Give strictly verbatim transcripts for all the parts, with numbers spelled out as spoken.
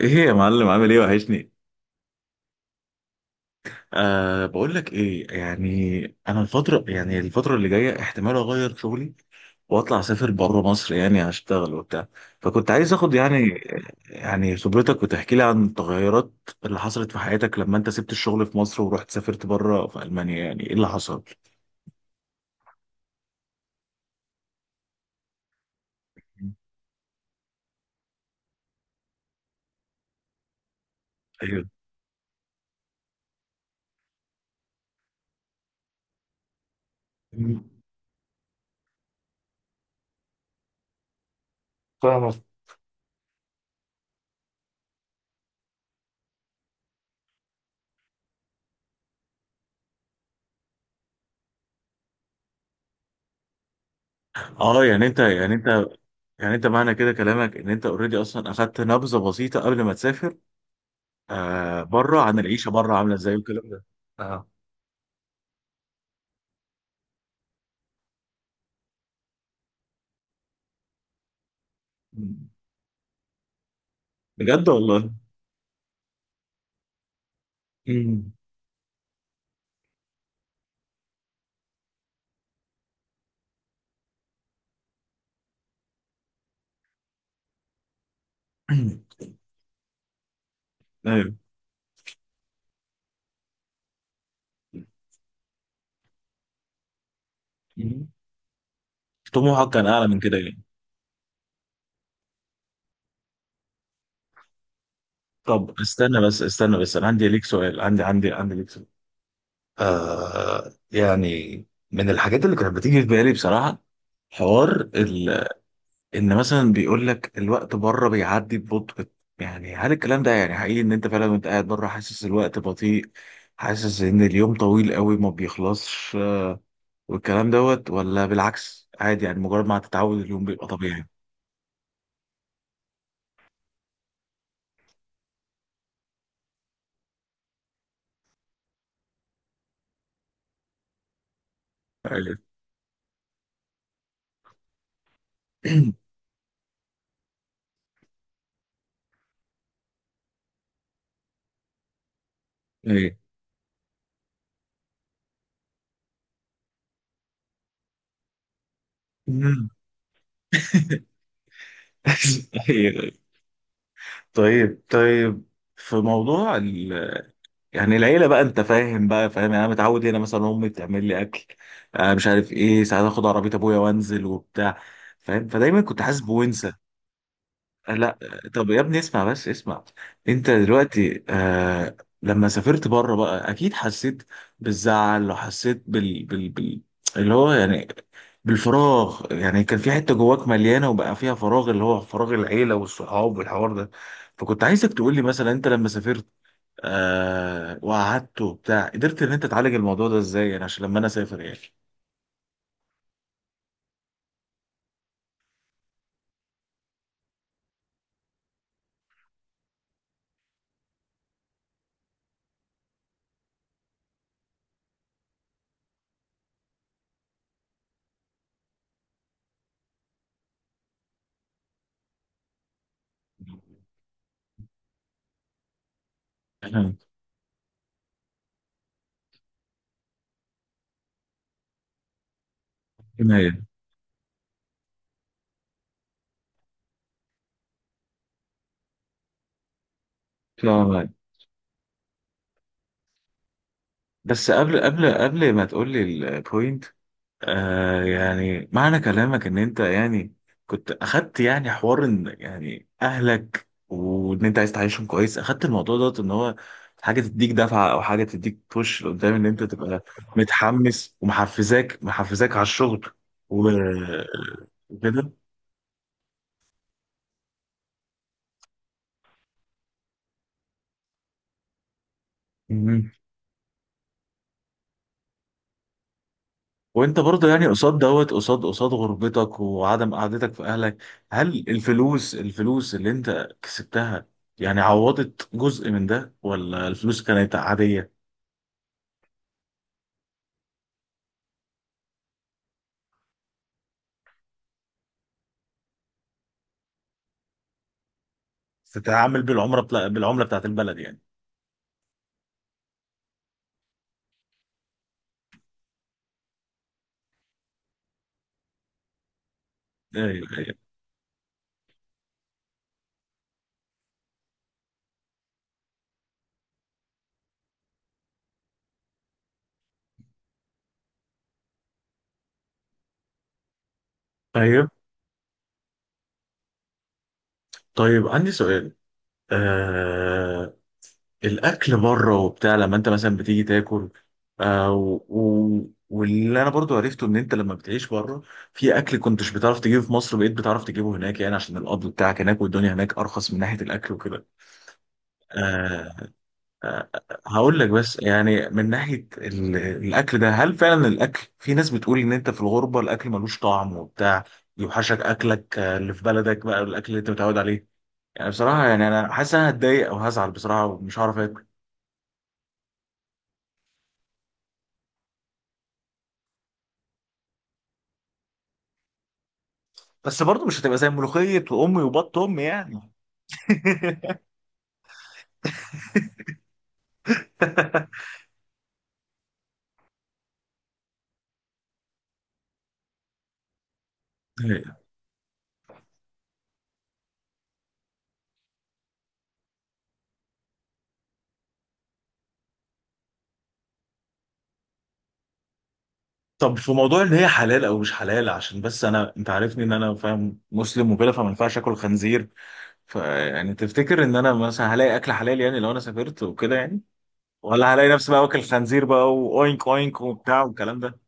ايه يا معلم، عامل ايه؟ وحشني. أه بقول لك ايه، يعني انا الفتره يعني الفتره اللي جايه، احتمال اغير شغلي واطلع اسافر بره مصر، يعني اشتغل وبتاع. فكنت عايز اخد، يعني يعني خبرتك وتحكي لي عن التغيرات اللي حصلت في حياتك لما انت سبت الشغل في مصر ورحت سافرت بره في المانيا، يعني ايه اللي حصل؟ ايوه. فاهمك. اه، يعني انت يعني انت يعني انت، معنى كده كلامك ان انت اوريدي اصلا اخدت نبذه بسيطه قبل ما تسافر، آه بره، عن العيشه بره عامله ازاي والكلام ده. اه. مم. بجد والله. مم. ايوه. مم. طموحك كان اعلى من كده، يعني. طب استنى بس استنى بس، انا عندي ليك سؤال. عندي عندي عندي ليك سؤال آه يعني من الحاجات اللي كانت بتيجي في بالي بصراحه، حوار ال... ان مثلا بيقول لك الوقت بره بيعدي ببطء، يعني هل الكلام ده يعني حقيقي، ان انت فعلا وانت قاعد بره حاسس الوقت بطيء، حاسس ان اليوم طويل قوي ما بيخلصش والكلام دوت؟ ولا بالعكس عادي، يعني مجرد ما هتتعود اليوم بيبقى طبيعي؟ ايوه. ايوه. مم. أيوه. طيب، طيب، في موضوع ال... يعني العيله بقى، انت فاهم بقى فاهم، يعني انا متعود هنا مثلا امي تعمل لي اكل، آه مش عارف ايه، ساعات اخد عربيه ابويا وانزل وبتاع. فاهم. فدايما كنت حاسس بونس. لا. طب يا ابني، اسمع بس اسمع. انت دلوقتي آه لما سافرت بره، بقى اكيد حسيت بالزعل، وحسيت بال... بال... بال... اللي هو يعني بالفراغ، يعني كان في حتة جواك مليانة وبقى فيها فراغ، اللي هو فراغ العيلة والصحاب والحوار ده. فكنت عايزك تقول لي مثلا انت لما سافرت آه وقعدت وبتاع، قدرت ان انت تعالج الموضوع ده ازاي؟ يعني عشان لما انا اسافر، يعني. تمام. بس قبل قبل قبل ما تقول لي البوينت، آه يعني معنى كلامك ان انت يعني كنت اخدت يعني حوار، ان يعني اهلك وان انت عايز تعيشهم كويس، اخدت الموضوع دوت ان هو حاجه تديك دفعه، او حاجه تديك بوش لقدام، ان انت تبقى متحمس ومحفزاك محفزاك على الشغل و- وكده. مهم. وانت برضه يعني قصاد دوت، قصاد قصاد غربتك وعدم قعدتك في اهلك، هل الفلوس الفلوس اللي انت كسبتها يعني عوضت جزء من ده، ولا الفلوس كانت عادية؟ تتعامل بالعمله بتاع بالعمله بتاعت البلد، يعني. ايوه، ايوه. طيب، طيب، عندي سؤال. آه الاكل بره وبتاع، لما انت مثلا بتيجي تاكل، آه و... و... واللي انا برضو عرفته ان انت لما بتعيش بره، في اكل كنتش بتعرف تجيبه في مصر بقيت بتعرف تجيبه هناك، يعني عشان القبض بتاعك هناك والدنيا هناك ارخص من ناحيه الاكل وكده. آه... هقول لك بس، يعني من ناحية ال- الأكل ده، هل فعلا الأكل، في ناس بتقول إن أنت في الغربة الأكل ملوش طعم وبتاع، يوحشك أكلك آه، اللي في بلدك، بقى الأكل اللي أنت متعود عليه. يعني بصراحة، يعني أنا حاسس إن أنا هتضايق أو هزعل بصراحة ومش هعرف آكل. بس برضه مش هتبقى زي ملوخية وأمي وبط أمي، يعني. طب في موضوع إن هي حلال أو مش حلال، عشان بس أنا أنت عارفني إن أنا فاهم مسلم وكده، فما ينفعش آكل خنزير. فيعني تفتكر إن أنا مثلا هلاقي أكل حلال، يعني لو أنا سافرت وكده، يعني؟ ولا هلاقي نفسي بقى واكل خنزير بقى، واوينك اوينك وبتاع والكلام ده؟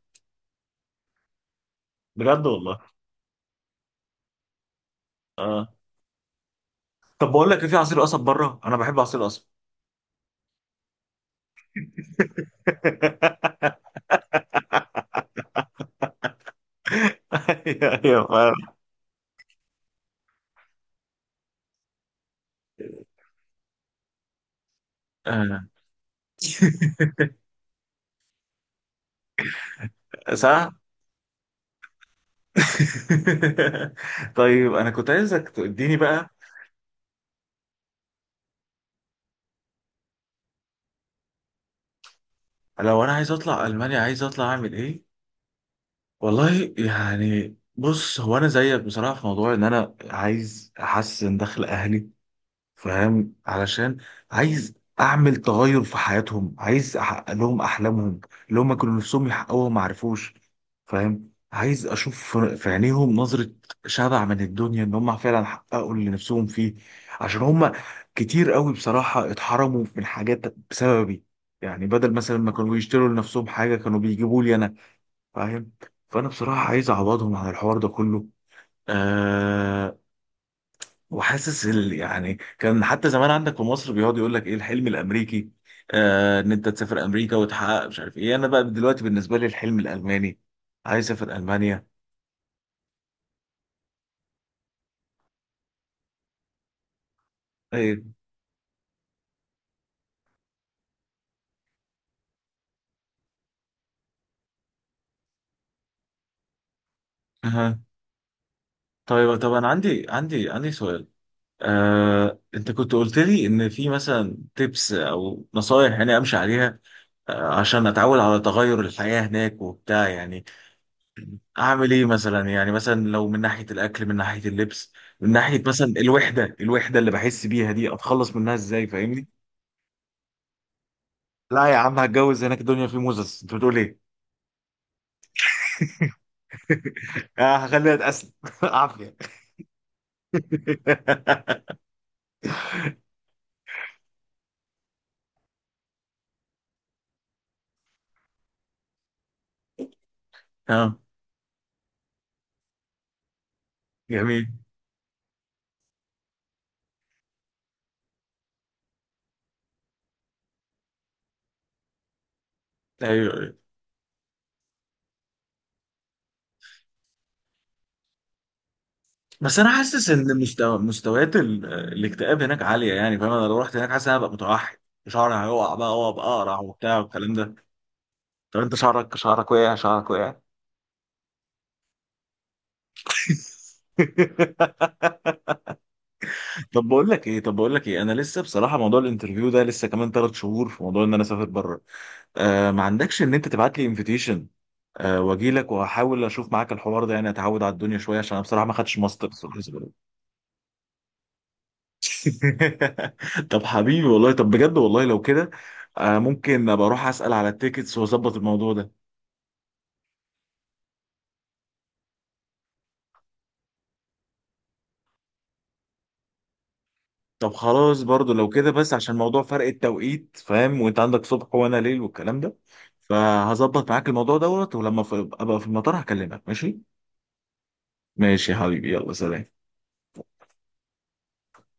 بجد والله. اه، طب بقول لك إيه، في عصير قصب بره؟ انا بحب عصير قصب. ايوه، أيوة، فاهم. آه. صح. طيب انا كنت عايزك تديني بقى. لو انا عايز اطلع المانيا، عايز اطلع اعمل ايه؟ والله يعني بص، هو انا زيك بصراحه في موضوع ان انا عايز احسن دخل اهلي، فاهم؟ علشان عايز اعمل تغير في حياتهم، عايز احقق لهم احلامهم اللي هم كانوا نفسهم يحققوها ما عرفوش. فاهم؟ عايز اشوف في في عينيهم نظرة شبع من الدنيا، ان هم فعلا حققوا اللي نفسهم فيه، عشان هم كتير قوي بصراحة اتحرموا من حاجات بسببي، يعني بدل مثلا ما كانوا يشتروا لنفسهم حاجة كانوا بيجيبوا لي انا. فاهم؟ فانا بصراحة عايز اعوضهم عن الحوار ده كله. آه وحاسس ال... يعني كان حتى زمان عندك في مصر بيقعد يقول لك ايه الحلم الامريكي، آه ان انت تسافر امريكا وتحقق مش عارف ايه. انا بقى دلوقتي بالنسبه لي الحلم الالماني، عايز اسافر المانيا. ايه. أها. طيب، طب انا عندي عندي عندي سؤال، آه انت كنت قلت لي ان في مثلا تيبس او نصايح يعني امشي عليها، آه عشان اتعود على تغير الحياه هناك وبتاع، يعني. اعمل ايه مثلا؟ يعني مثلا لو من ناحيه الاكل، من ناحيه اللبس، من ناحيه مثلا الوحده الوحده اللي بحس بيها دي، اتخلص منها ازاي؟ فاهمني. لا يا عم، هتجوز هناك، الدنيا في موزس، انت بتقول ايه؟ آه، هخليها اتقسم. عافيه. اه. جميل. ايوه، أيوة. بس انا حاسس ان مستوى مستويات ال- الاكتئاب هناك عاليه، يعني. فاهم؟ انا لو رحت هناك حاسس ان انا هبقى متوحد، شعري هيقع بقى وابقى اقرع وبتاع والكلام ده. طب انت، شعرك شعرك وقع؟ شعرك وقع؟ طب بقول لك ايه طب بقول لك ايه، انا لسه بصراحه، موضوع الانترفيو ده لسه كمان ثلاث شهور، في موضوع ان انا اسافر بره، آه ما عندكش ان انت تبعت لي انفيتيشن؟ آه واجي لك واحاول اشوف معاك الحوار ده، يعني اتعود على الدنيا شويه، عشان انا بصراحه ما خدتش ماسترز ولا حاجة زي كده. طب حبيبي والله، طب بجد والله لو كده، آه ممكن ابقى اروح اسال على التيكتس واظبط الموضوع ده. طب خلاص برضو لو كده، بس عشان موضوع فرق التوقيت، فاهم، وانت عندك صبح وانا ليل والكلام ده، فهظبط معاك الموضوع دوت، ولما في- ابقى في المطار هكلمك، ماشي؟ ماشي يا حبيبي، يلا، سلام.